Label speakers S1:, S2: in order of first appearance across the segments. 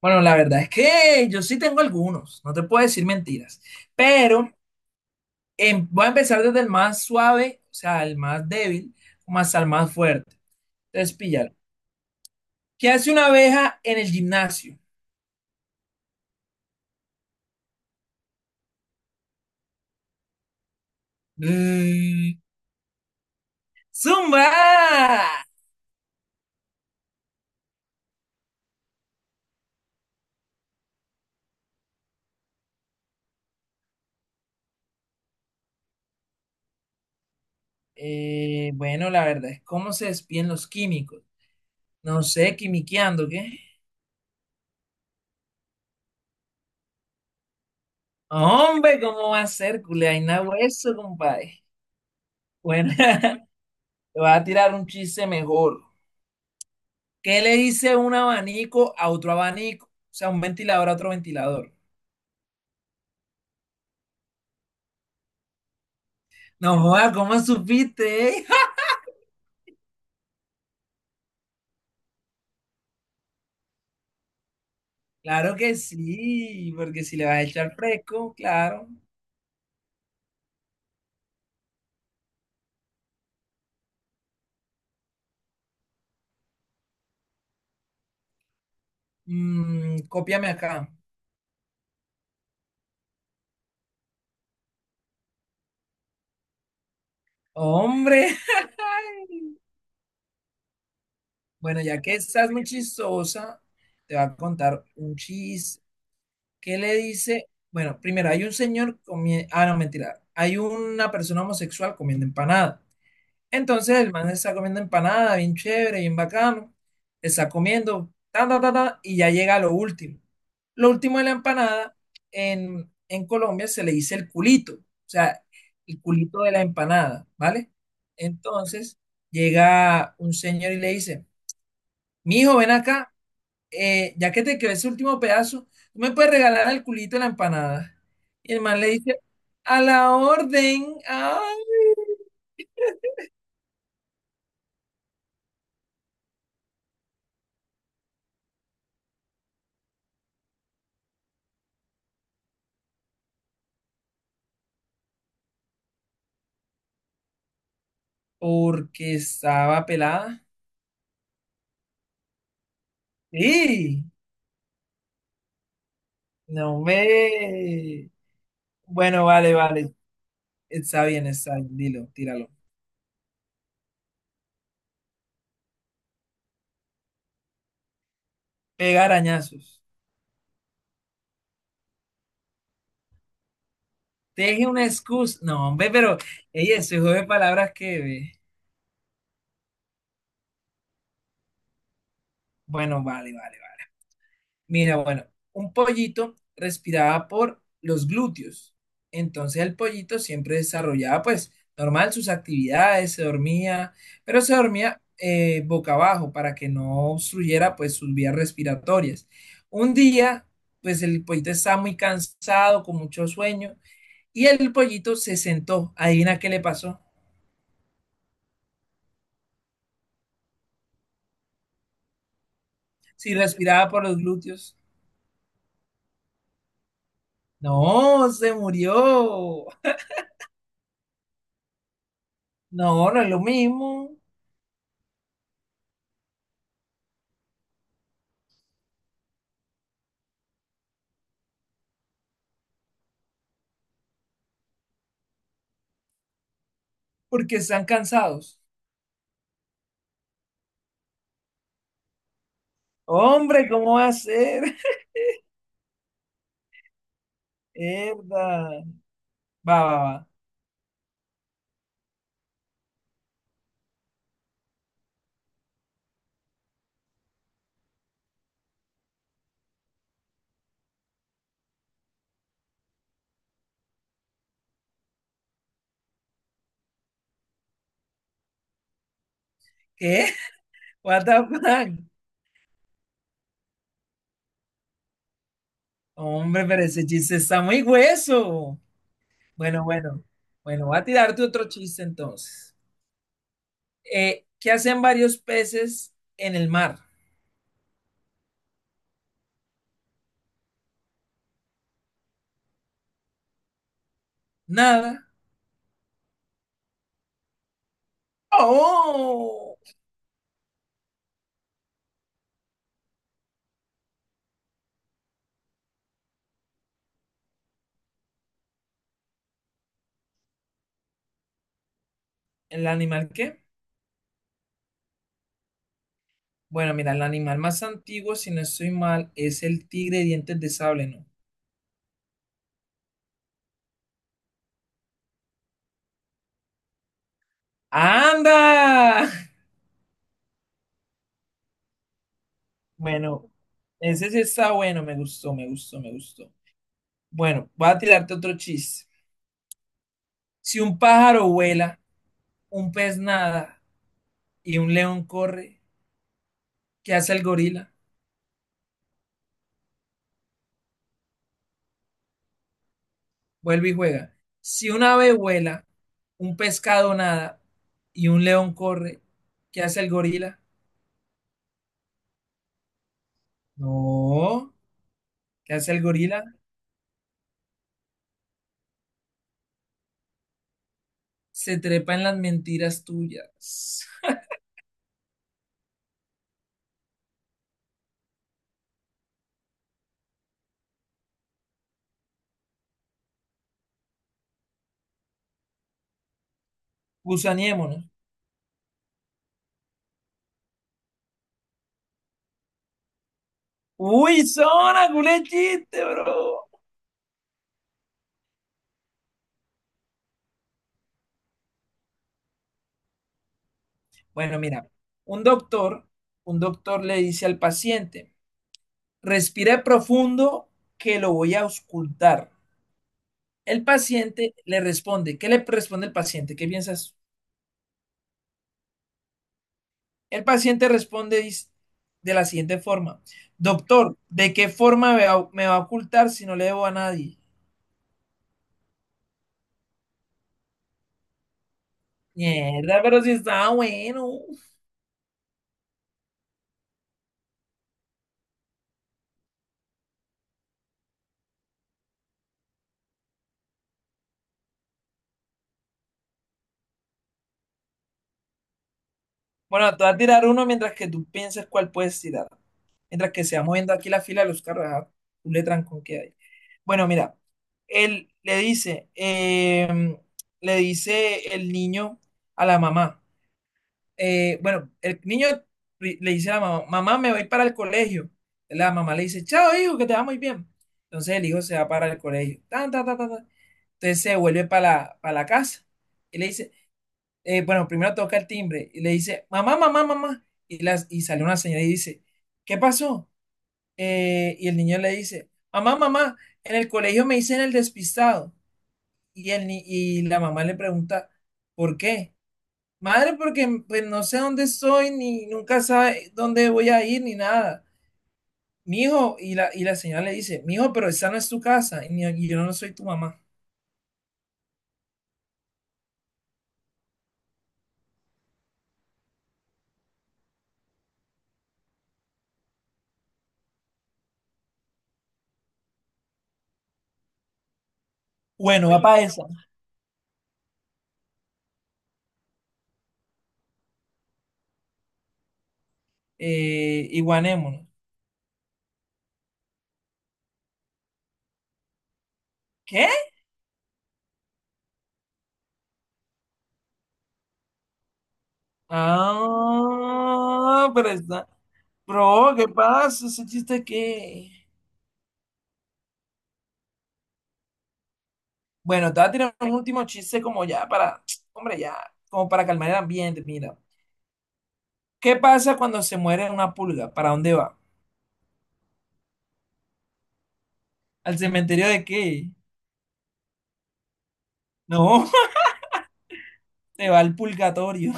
S1: Bueno, la verdad es que yo sí tengo algunos, no te puedo decir mentiras, pero voy a empezar desde el más suave, o sea, el más débil, más al más fuerte. Entonces, píllalo. ¿Qué hace una abeja en el gimnasio? Mm, ¡Zumba! Bueno, la verdad es cómo se despiden los químicos. No sé, quimiqueando, ¿qué? Hombre, ¿cómo va a ser, culeaina hueso, compadre? Bueno, te voy a tirar un chiste mejor. ¿Qué le dice un abanico a otro abanico? O sea, un ventilador a otro ventilador. No, joda, ¿cómo supiste? ¿eh? Claro que sí, porque si le vas a echar fresco, claro. Mm, cópiame acá. Hombre, bueno, ya que estás muy chistosa, te voy a contar un chiste. ¿Qué le dice? Bueno, primero hay un señor comiendo... Ah, no, mentira. Hay una persona homosexual comiendo empanada. Entonces el man está comiendo empanada, bien chévere, bien bacano. Está comiendo, ta, ta, ta, ta, y ya llega a lo último. Lo último de la empanada, en Colombia se le dice el culito, o sea, el culito de la empanada, ¿vale? Entonces llega un señor y le dice, mijo, ven acá, ya que te quedó ese último pedazo, ¿tú me puedes regalar el culito de la empanada? Y el man le dice, a la orden, ay, porque estaba pelada. Sí, no me... Bueno, vale, vale. Está bien, está bien. Dilo, tíralo. Pegar arañazos. Teje una excusa. No, hombre, pero ella se juega de palabras que... ve. Bueno, vale, vale. Mira, bueno, un pollito respiraba por los glúteos. Entonces el pollito siempre desarrollaba, pues, normal sus actividades, se dormía, pero se dormía boca abajo para que no obstruyera, pues, sus vías respiratorias. Un día, pues, el pollito estaba muy cansado, con mucho sueño, y el pollito se sentó. Adivina qué le pasó. Si respiraba por los glúteos. No, se murió. No, no es lo mismo, porque están cansados. Hombre, ¿cómo va a ser? Mierda. Va, va, va. ¿Qué? What the fuck? Hombre, pero ese chiste está muy hueso. Bueno, bueno. Bueno, voy a tirarte otro chiste entonces. ¿Qué hacen varios peces en el mar? Nada. ¡Oh! ¿El animal qué? Bueno, mira, el animal más antiguo, si no estoy mal, es el tigre de dientes de sable, ¿no? ¡Anda! Bueno, ese sí está bueno, me gustó, me gustó, me gustó. Bueno, voy a tirarte otro chiste. Si un pájaro vuela, un pez nada y un león corre, ¿qué hace el gorila? Vuelve y juega. Si un ave vuela, un pescado nada y un león corre, ¿qué hace el gorila? No, ¿qué hace el gorila? Se trepa en las mentiras tuyas. Gusaniémonos. Uy, zona, culé chiste, bro. Bueno, mira, un doctor, un doctor le dice al paciente, respire profundo que lo voy a auscultar. El paciente le responde. ¿Qué le responde el paciente? ¿Qué piensas? El paciente responde de la siguiente forma. Doctor, ¿de qué forma me va a ocultar si no le debo a nadie? Mierda, pero si estaba bueno. Bueno, te voy a tirar uno mientras que tú pienses cuál puedes tirar. Mientras que se va moviendo aquí la fila de los carros, ah, tú le trancón que hay. Bueno, mira, él le dice el niño a la mamá. Bueno, el niño le dice a la mamá, mamá, me voy para el colegio. La mamá le dice, chao, hijo, que te va muy bien. Entonces el hijo se va para el colegio. Tan, tan, tan, tan, tan. Entonces se vuelve para para la casa. Y le dice, bueno, primero toca el timbre y le dice, mamá, mamá, mamá. Y, las, y sale una señora y dice, ¿qué pasó? Y el niño le dice, mamá, mamá, en el colegio me dicen el despistado. Y, el, y la mamá le pregunta, ¿por qué? Madre, porque pues, no sé dónde estoy, ni nunca sabe dónde voy a ir, ni nada. Mijo, y la señora le dice, mijo, pero esa no es tu casa, y, y yo no soy tu mamá. Bueno, va para esa. Y guanémonos. ¿Qué? Ah, pero está. Bro, ¿qué pasa? Ese chiste que. Bueno, te voy a tirar un último chiste como ya para. Hombre, ya. Como para calmar el ambiente, mira. ¿Qué pasa cuando se muere una pulga? ¿Para dónde va? ¿Al cementerio de qué? No, te va al purgatorio.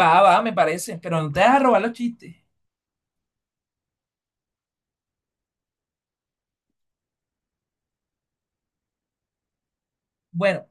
S1: Va, va, me parece. Pero no te dejas robar los chistes. Bueno.